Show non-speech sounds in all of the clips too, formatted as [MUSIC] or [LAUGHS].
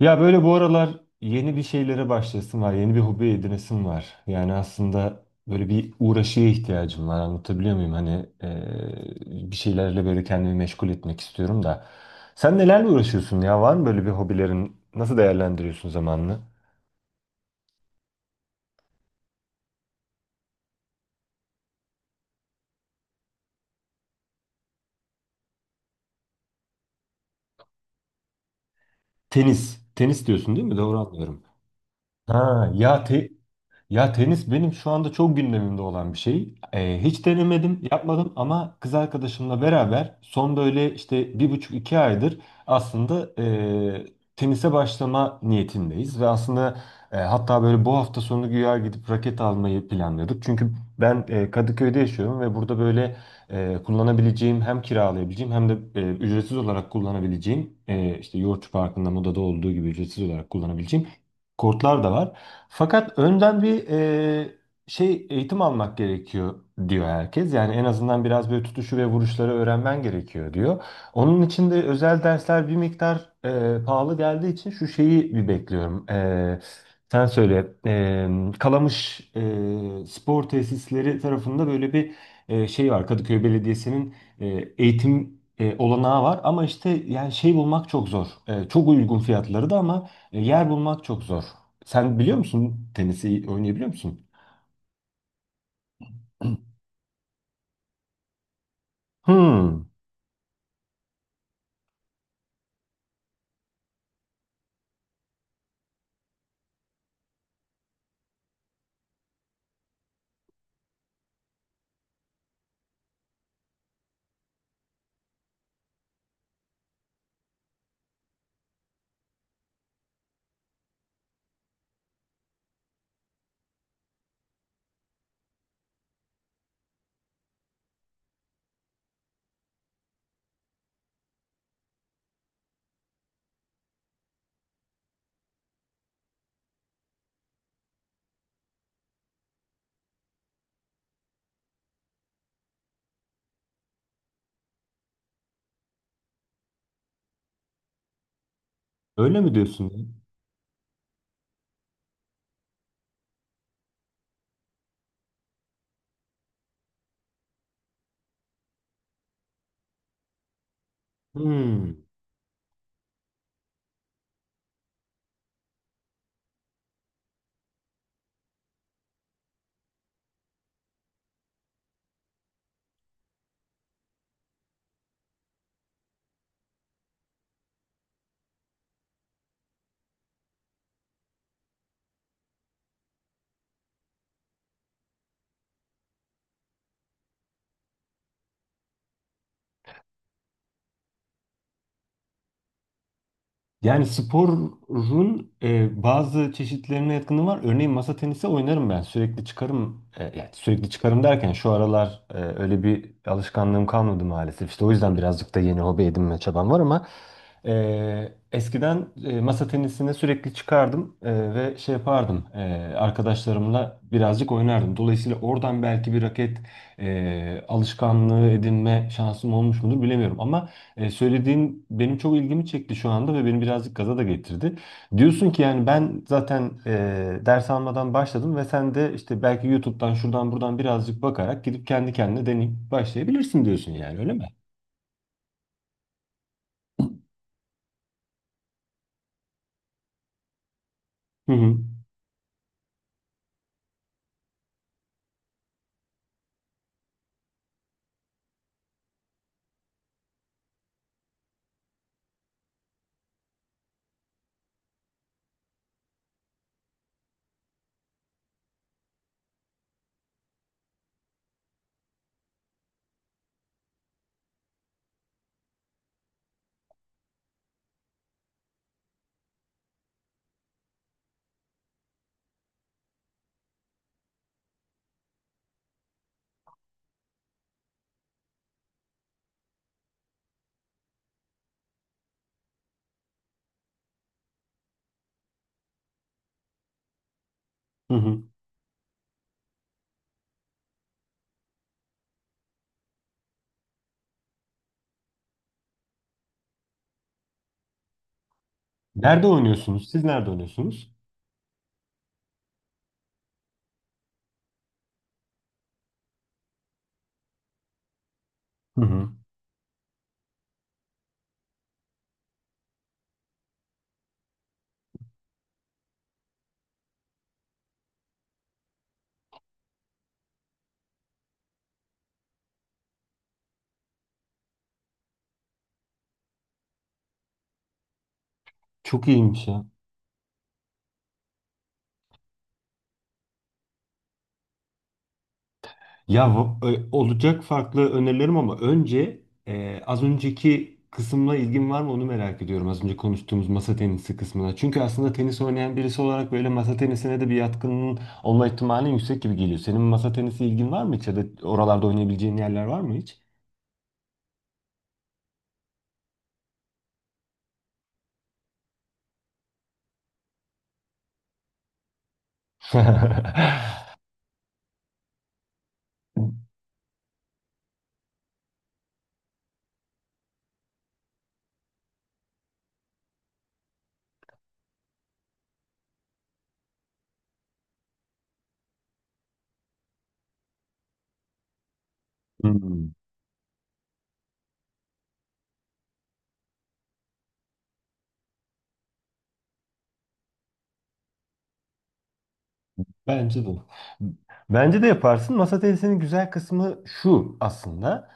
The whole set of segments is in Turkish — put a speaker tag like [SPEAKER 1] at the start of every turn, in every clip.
[SPEAKER 1] Ya böyle bu aralar yeni bir şeylere başlasın var, yeni bir hobi edinesim var. Yani aslında böyle bir uğraşıya ihtiyacım var. Anlatabiliyor muyum? Hani bir şeylerle böyle kendimi meşgul etmek istiyorum da. Sen nelerle uğraşıyorsun ya? Var mı böyle bir hobilerin? Nasıl değerlendiriyorsun zamanını? Tenis. Tenis diyorsun değil mi? Doğru anlıyorum. Ha ya te Ya tenis benim şu anda çok gündemimde olan bir şey. Hiç denemedim, yapmadım ama kız arkadaşımla beraber son böyle işte bir buçuk iki aydır aslında tenise başlama niyetindeyiz. Ve aslında hatta böyle bu hafta sonu güya gidip raket almayı planlıyorduk. Çünkü ben Kadıköy'de yaşıyorum ve burada böyle kullanabileceğim, hem kiralayabileceğim hem de ücretsiz olarak kullanabileceğim, işte Yoğurtçu Parkı'nda, Moda'da olduğu gibi ücretsiz olarak kullanabileceğim kortlar da var. Fakat önden bir şey, eğitim almak gerekiyor diyor herkes. Yani en azından biraz böyle tutuşu ve vuruşları öğrenmen gerekiyor diyor. Onun için de özel dersler bir miktar pahalı geldiği için şu şeyi bir bekliyorum. Sen söyle. Kalamış spor tesisleri tarafında böyle bir şey var. Kadıköy Belediyesi'nin e, eğitim olanağı var ama işte yani şey bulmak çok zor. Çok uygun fiyatları da ama yer bulmak çok zor. Sen biliyor musun, tenisi oynayabiliyor musun? Hmm. Öyle mi diyorsun? Hmm. Yani sporun bazı çeşitlerine yatkınlığım var. Örneğin masa tenisi oynarım ben. Sürekli çıkarım. Yani sürekli çıkarım derken şu aralar öyle bir alışkanlığım kalmadı maalesef. İşte o yüzden birazcık da yeni hobi edinme çabam var ama eskiden masa tenisine sürekli çıkardım ve şey yapardım. Arkadaşlarımla birazcık oynardım. Dolayısıyla oradan belki bir raket alışkanlığı edinme şansım olmuş mudur bilemiyorum ama söylediğin benim çok ilgimi çekti şu anda ve beni birazcık gaza da getirdi. Diyorsun ki yani ben zaten ders almadan başladım ve sen de işte belki YouTube'dan şuradan buradan birazcık bakarak gidip kendi kendine deneyip başlayabilirsin diyorsun, yani öyle mi? Hı hı. Hı hı. Nerede oynuyorsunuz? Siz nerede oynuyorsunuz? Hı hı. Çok iyiymiş ya. Ya olacak farklı önerilerim ama önce az önceki kısımla ilgin var mı onu merak ediyorum. Az önce konuştuğumuz masa tenisi kısmına. Çünkü aslında tenis oynayan birisi olarak böyle masa tenisine de bir yatkınlığın olma ihtimali yüksek gibi geliyor. Senin masa tenisi ilgin var mı hiç, ya da oralarda oynayabileceğin yerler var mı hiç? [LAUGHS] Hmm. Bence de. Bence de yaparsın. Masa tenisinin güzel kısmı şu aslında.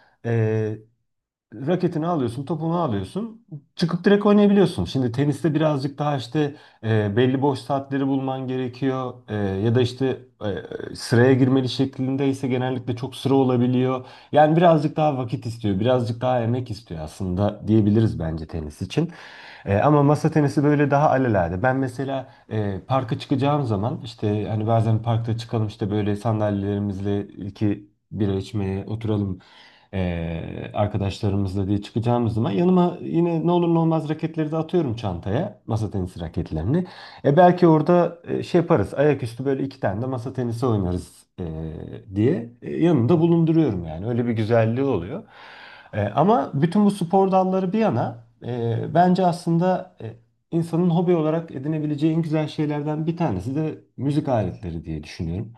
[SPEAKER 1] Raketini alıyorsun, topunu alıyorsun, çıkıp direkt oynayabiliyorsun. Şimdi teniste birazcık daha işte belli boş saatleri bulman gerekiyor. Ya da işte sıraya girmeli şeklinde ise, genellikle çok sıra olabiliyor. Yani birazcık daha vakit istiyor, birazcık daha emek istiyor aslında diyebiliriz bence tenis için. Ama masa tenisi böyle daha alelade. Ben mesela parka çıkacağım zaman, işte hani bazen parkta çıkalım, işte böyle sandalyelerimizle iki bira içmeye oturalım arkadaşlarımızla diye çıkacağımız zaman yanıma yine ne olur ne olmaz raketleri de atıyorum çantaya. Masa tenisi raketlerini. Belki orada şey yaparız. Ayaküstü böyle iki tane de masa tenisi oynarız diye yanımda bulunduruyorum yani. Öyle bir güzelliği oluyor. Ama bütün bu spor dalları bir yana, bence aslında insanın hobi olarak edinebileceği en güzel şeylerden bir tanesi de müzik aletleri diye düşünüyorum.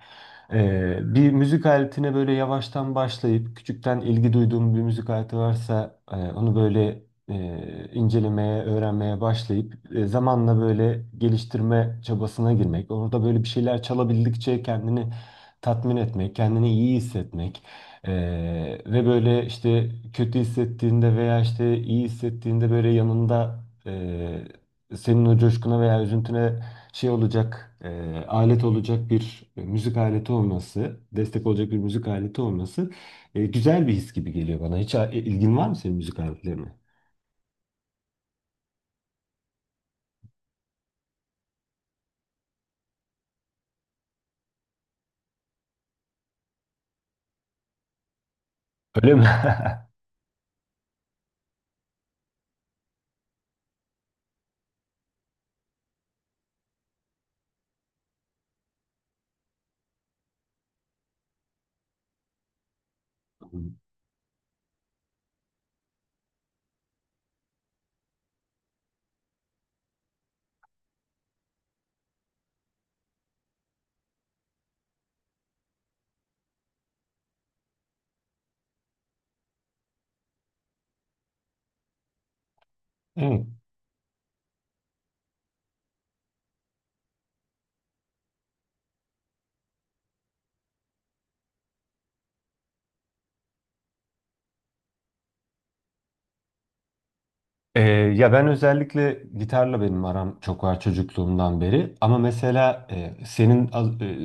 [SPEAKER 1] Bir müzik aletine böyle yavaştan başlayıp, küçükten ilgi duyduğum bir müzik aleti varsa onu böyle e, incelemeye, öğrenmeye başlayıp zamanla böyle geliştirme çabasına girmek. Orada böyle bir şeyler çalabildikçe kendini tatmin etmek, kendini iyi hissetmek e, ve böyle işte kötü hissettiğinde veya işte iyi hissettiğinde böyle yanında, e, senin o coşkuna veya üzüntüne şey olacak, alet olacak bir müzik aleti olması, destek olacak bir müzik aleti olması güzel bir his gibi geliyor bana. Hiç ilgin var mı senin müzik aletlerine? Öyle mi? [LAUGHS] Evet. Ya ben özellikle gitarla benim aram çok var çocukluğumdan beri. Ama mesela senin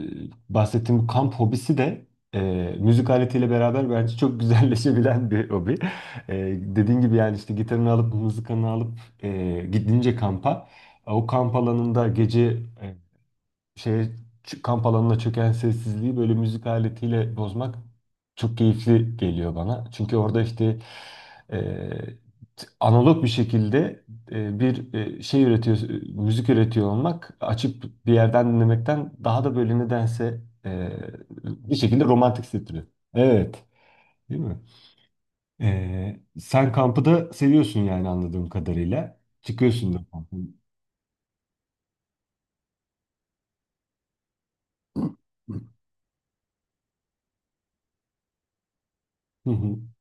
[SPEAKER 1] bahsettiğin bu kamp hobisi de e, müzik aletiyle beraber bence çok [LAUGHS] güzelleşebilen bir hobi. E, dediğin gibi yani, işte gitarını alıp, mızıkanı alıp gidince kampa, o kamp alanında gece e, şeye kamp alanına çöken sessizliği böyle müzik aletiyle bozmak çok keyifli geliyor bana. Çünkü orada işte e, analog bir şekilde bir şey üretiyor, müzik üretiyor olmak, açıp bir yerden dinlemekten daha da böyle nedense bir şekilde romantik hissettiriyor. Evet, değil mi? Sen kampı da seviyorsun yani, anladığım kadarıyla. Çıkıyorsun da kampı. [CLEARS THROAT]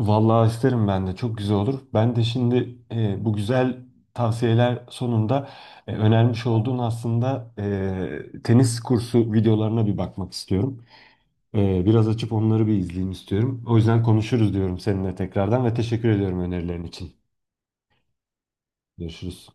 [SPEAKER 1] Vallahi isterim, ben de çok güzel olur. Ben de şimdi bu güzel tavsiyeler sonunda önermiş olduğun aslında tenis kursu videolarına bir bakmak istiyorum. Biraz açıp onları bir izleyeyim istiyorum. O yüzden konuşuruz diyorum seninle tekrardan ve teşekkür ediyorum önerilerin için. Görüşürüz.